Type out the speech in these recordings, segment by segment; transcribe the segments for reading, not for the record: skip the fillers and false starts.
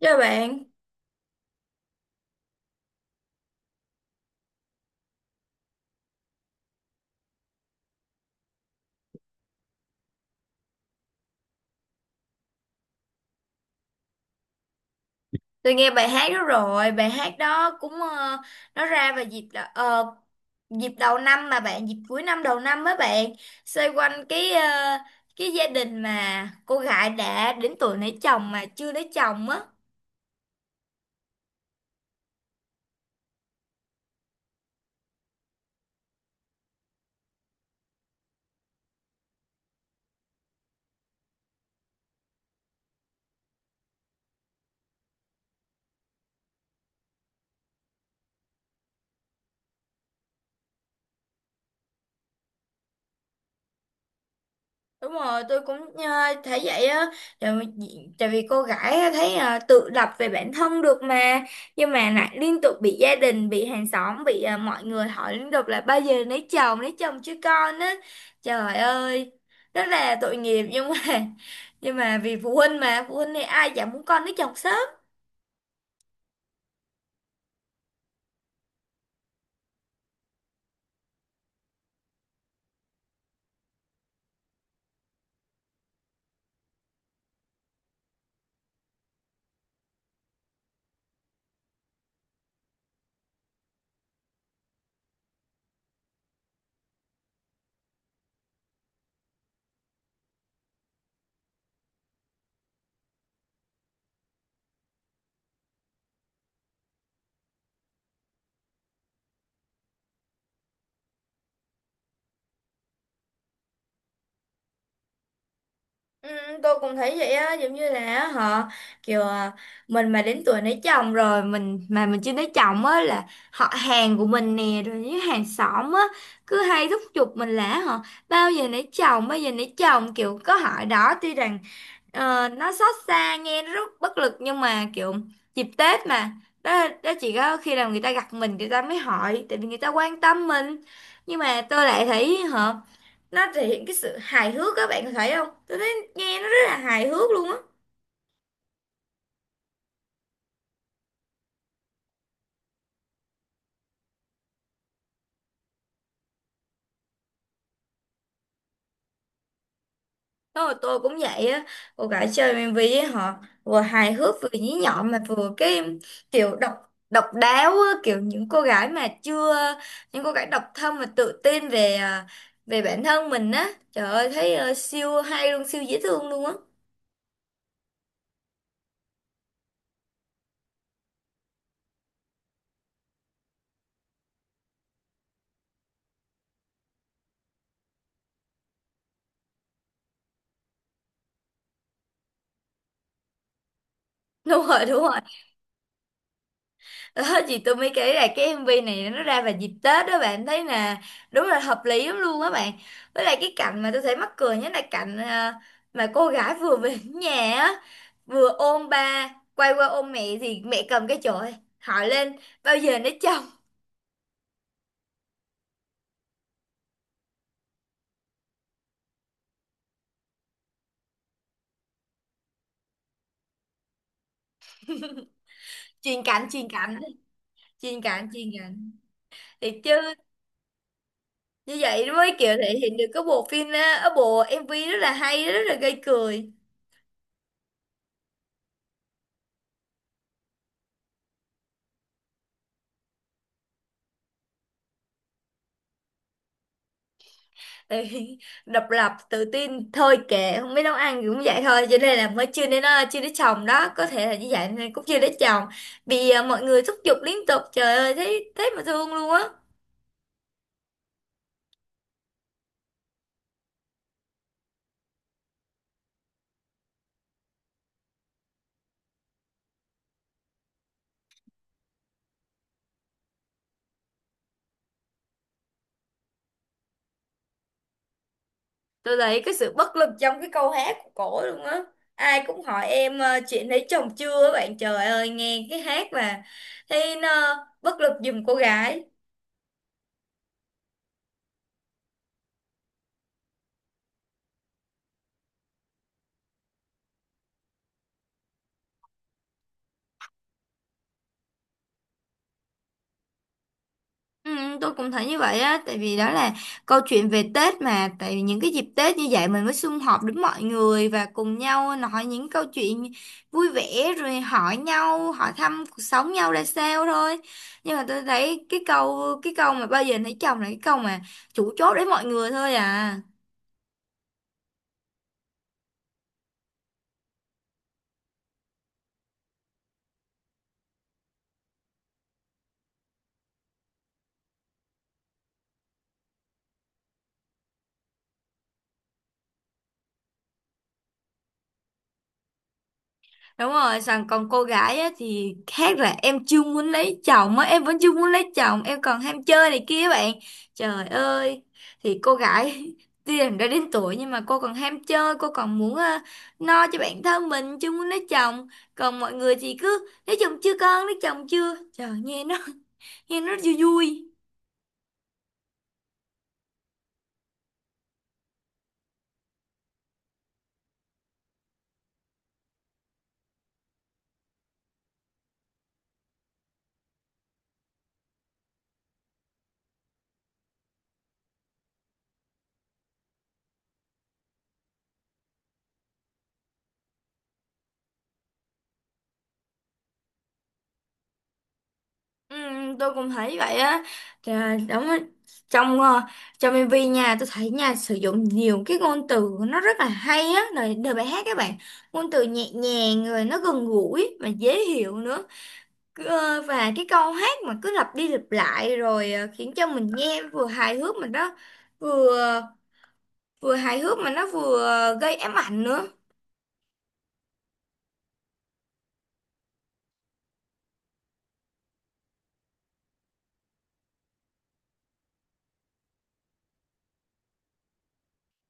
Chào bạn, tôi nghe bài hát đó rồi, bài hát đó cũng nó ra vào dịp dịp đầu năm mà bạn, dịp cuối năm đầu năm á bạn, xoay quanh cái gia đình mà cô gái đã đến tuổi lấy chồng mà chưa lấy chồng á. Đúng rồi, tôi cũng thấy vậy á, tại tại vì cô gái á, thấy tự lập về bản thân được mà, nhưng mà lại liên tục bị gia đình, bị hàng xóm, bị mọi người hỏi liên tục là bao giờ lấy chồng chứ con á, trời ơi, rất là tội nghiệp nhưng mà vì phụ huynh mà phụ huynh thì ai chẳng muốn con lấy chồng sớm. Ừ, tôi cũng thấy vậy á giống như là họ kiểu mình mà đến tuổi lấy chồng rồi mình mà mình chưa lấy chồng á là họ hàng của mình nè rồi những hàng xóm á cứ hay thúc giục mình là họ bao giờ lấy chồng bao giờ lấy chồng kiểu có hỏi đó tuy rằng nó xót xa nghe nó rất bất lực nhưng mà kiểu dịp Tết mà đó chỉ có khi nào người ta gặp mình người ta mới hỏi tại vì người ta quan tâm mình nhưng mà tôi lại thấy họ nó thể hiện cái sự hài hước các bạn có thấy không tôi nghe nó rất là hài hước luôn á. Thôi tôi cũng vậy á cô gái chơi MV với họ vừa hài hước vừa nhí nhọn mà vừa cái kiểu độc độc đáo á, kiểu những cô gái mà chưa những cô gái độc thân mà tự tin về bản thân mình á trời ơi thấy siêu hay luôn siêu dễ thương luôn á đúng rồi đúng rồi. Ờ, chị tôi mới kể là cái MV này nó ra vào dịp Tết đó bạn thấy là đúng là hợp lý lắm luôn á bạn với lại cái cảnh mà tôi thấy mắc cười nhất là cảnh mà cô gái vừa về đến nhà á vừa ôm ba quay qua ôm mẹ thì mẹ cầm cái chổi hỏi lên bao giờ nó chồng truyền cảnh truyền cảnh truyền cảnh truyền cảnh thì chứ như vậy mới kiểu thể hiện được cái bộ phim á, ở bộ MV rất là hay rất là gây cười. Ê, độc lập tự tin thôi kệ không biết nấu ăn thì cũng vậy thôi cho nên là mới chưa đến chồng đó có thể là như vậy nên cũng chưa đến chồng vì mọi người thúc giục liên tục trời ơi thấy thấy mà thương luôn á. Tôi thấy cái sự bất lực trong cái câu hát của cổ luôn á ai cũng hỏi em chuyện lấy chồng chưa á bạn trời ơi nghe cái hát mà thấy nó bất lực giùm cô gái. Ừ, tôi cũng thấy như vậy á tại vì đó là câu chuyện về Tết mà tại vì những cái dịp Tết như vậy mình mới sum họp được mọi người và cùng nhau nói những câu chuyện vui vẻ rồi hỏi nhau hỏi thăm cuộc sống nhau ra sao thôi nhưng mà tôi thấy cái câu mà bao giờ lấy chồng là cái câu mà chủ chốt đến mọi người thôi à. Đúng rồi, xong còn cô gái á, thì khác là em chưa muốn lấy chồng á, em vẫn chưa muốn lấy chồng, em còn ham chơi này kia bạn. Trời ơi, thì cô gái tuy rằng đã đến tuổi nhưng mà cô còn ham chơi, cô còn muốn no cho bản thân mình, chưa muốn lấy chồng. Còn mọi người thì cứ lấy chồng chưa con, lấy chồng chưa. Trời, nghe nó, nghe nó vui vui. Ừ, tôi cũng thấy vậy á. Đúng á. trong ờ, trong MV nha tôi thấy nha sử dụng nhiều cái ngôn từ nó rất là hay á lời đời bài hát các bạn ngôn từ nhẹ nhàng rồi nó gần gũi mà dễ hiểu nữa. Và cái câu hát mà cứ lặp đi lặp lại rồi khiến cho mình nghe vừa hài hước mà nó vừa vừa hài hước mà nó vừa gây ám ảnh nữa.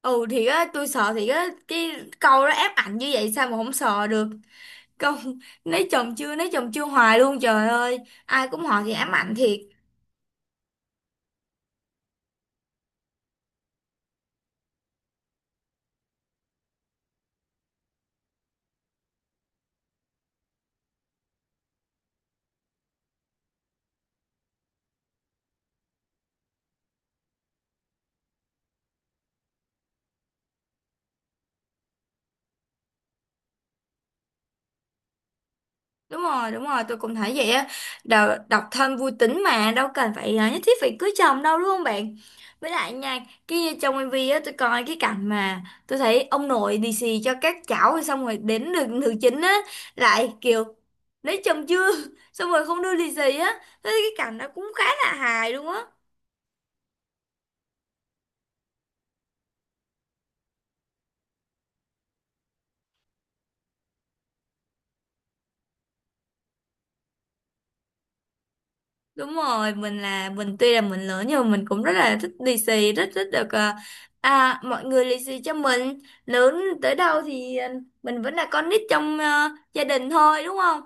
Ừ thì á, tôi sợ thì á, cái câu đó ám ảnh như vậy sao mà không sợ được. Công lấy chồng chưa hoài luôn trời ơi ai cũng hỏi thì ám ảnh thiệt. Đúng rồi đúng rồi tôi cũng thấy vậy á. Độc thân vui tính mà đâu cần phải nhất thiết phải cưới chồng đâu đúng không bạn với lại nha kia trong MV á tôi coi cái cảnh mà tôi thấy ông nội lì xì cho các cháu rồi xong rồi đến được nữ chính á lại kiểu lấy chồng chưa xong rồi không đưa lì xì á thế cái cảnh nó cũng khá là hài luôn á. Đúng rồi, mình là mình tuy là mình lớn nhưng mà mình cũng rất là thích lì xì, rất thích được mọi người lì xì cho mình. Lớn tới đâu thì mình vẫn là con nít trong gia đình thôi đúng không?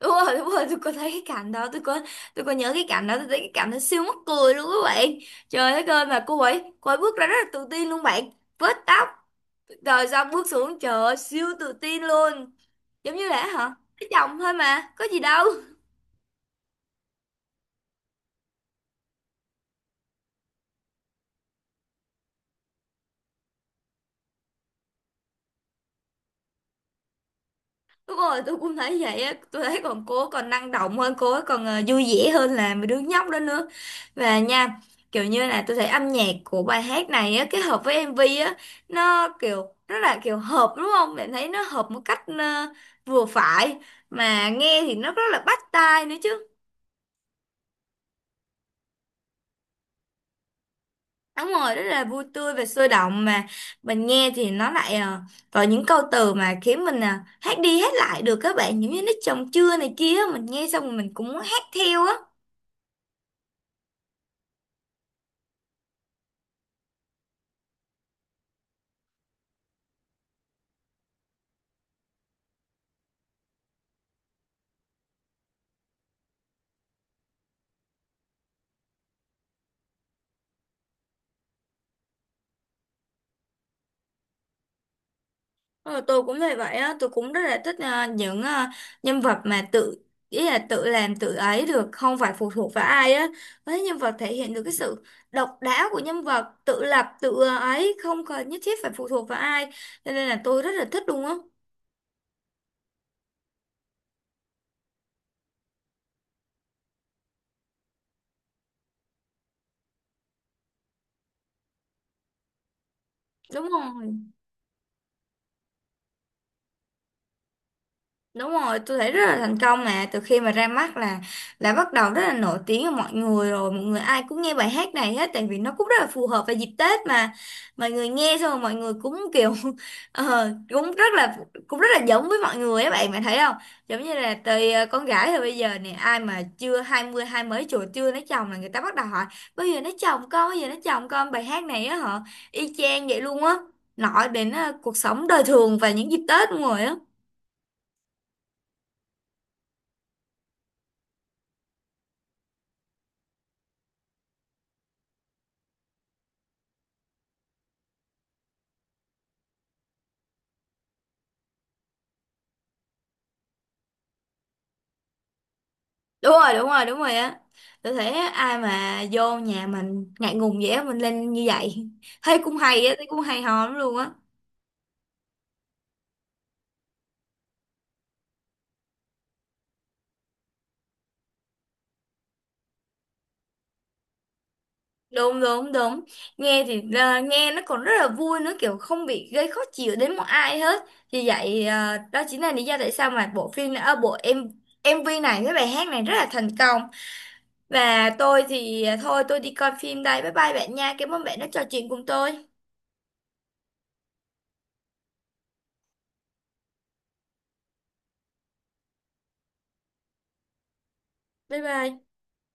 Đúng rồi, tôi có thấy cái cảnh đó, tôi có nhớ cái cảnh đó, tôi thấy cái cảnh nó siêu mắc cười luôn các bạn. Trời đất ơi mà cô ấy bước ra rất là tự tin luôn bạn. Vết tóc rồi xong bước xuống trời ơi, siêu tự tin luôn. Giống như là hả? Cái chồng thôi mà, có gì đâu. Đúng rồi, tôi cũng thấy vậy á, tôi thấy còn cô ấy còn năng động hơn, cô ấy còn vui vẻ hơn là mấy đứa nhóc đó nữa. Và nha, kiểu như là tôi thấy âm nhạc của bài hát này á, kết hợp với MV á, nó kiểu rất là kiểu hợp đúng không? Bạn thấy nó hợp một cách vừa phải, mà nghe thì nó rất là bắt tai nữa chứ. Đúng rồi, rất là vui tươi và sôi động mà mình nghe thì nó lại có những câu từ mà khiến mình hát đi hát lại được các bạn, giống như nó chồng chưa này kia, mình nghe xong rồi mình cũng muốn hát theo á. Ờ, tôi cũng thấy vậy á, tôi cũng rất là thích những nhân vật mà tự ý là tự làm tự ấy được, không phải phụ thuộc vào ai á. Với nhân vật thể hiện được cái sự độc đáo của nhân vật, tự lập tự ấy, không cần nhất thiết phải phụ thuộc vào ai. Cho nên là tôi rất là thích luôn á. Đúng rồi. Đúng rồi, tôi thấy rất là thành công mà từ khi mà ra mắt là bắt đầu rất là nổi tiếng ở mọi người rồi, mọi người ai cũng nghe bài hát này hết tại vì nó cũng rất là phù hợp vào dịp Tết mà. Mọi người nghe xong rồi mọi người cũng kiểu ờ, cũng rất là cũng rất là giống với mọi người á bạn bạn thấy không? Giống như là từ con gái rồi bây giờ nè, ai mà chưa 20 hai mấy tuổi chưa lấy chồng là người ta bắt đầu hỏi bao giờ lấy chồng con, bao giờ lấy chồng con bài hát này á họ y chang vậy luôn á. Nói đến cuộc sống đời thường và những dịp Tết luôn rồi á. Đúng rồi đúng rồi đúng rồi á tôi thấy á, ai mà vô nhà mình ngại ngùng vậy á, mình lên như vậy thấy cũng hay á thấy cũng hay ho lắm luôn á. Đúng đúng đúng nghe thì nghe nó còn rất là vui nữa kiểu không bị gây khó chịu đến một ai hết vì vậy đó chính là lý do tại sao mà bộ phim bộ em MV này với bài hát này rất là thành công và tôi thì thôi tôi đi coi phim đây bye bye bạn nha cảm ơn bạn đã trò chuyện cùng tôi bye bye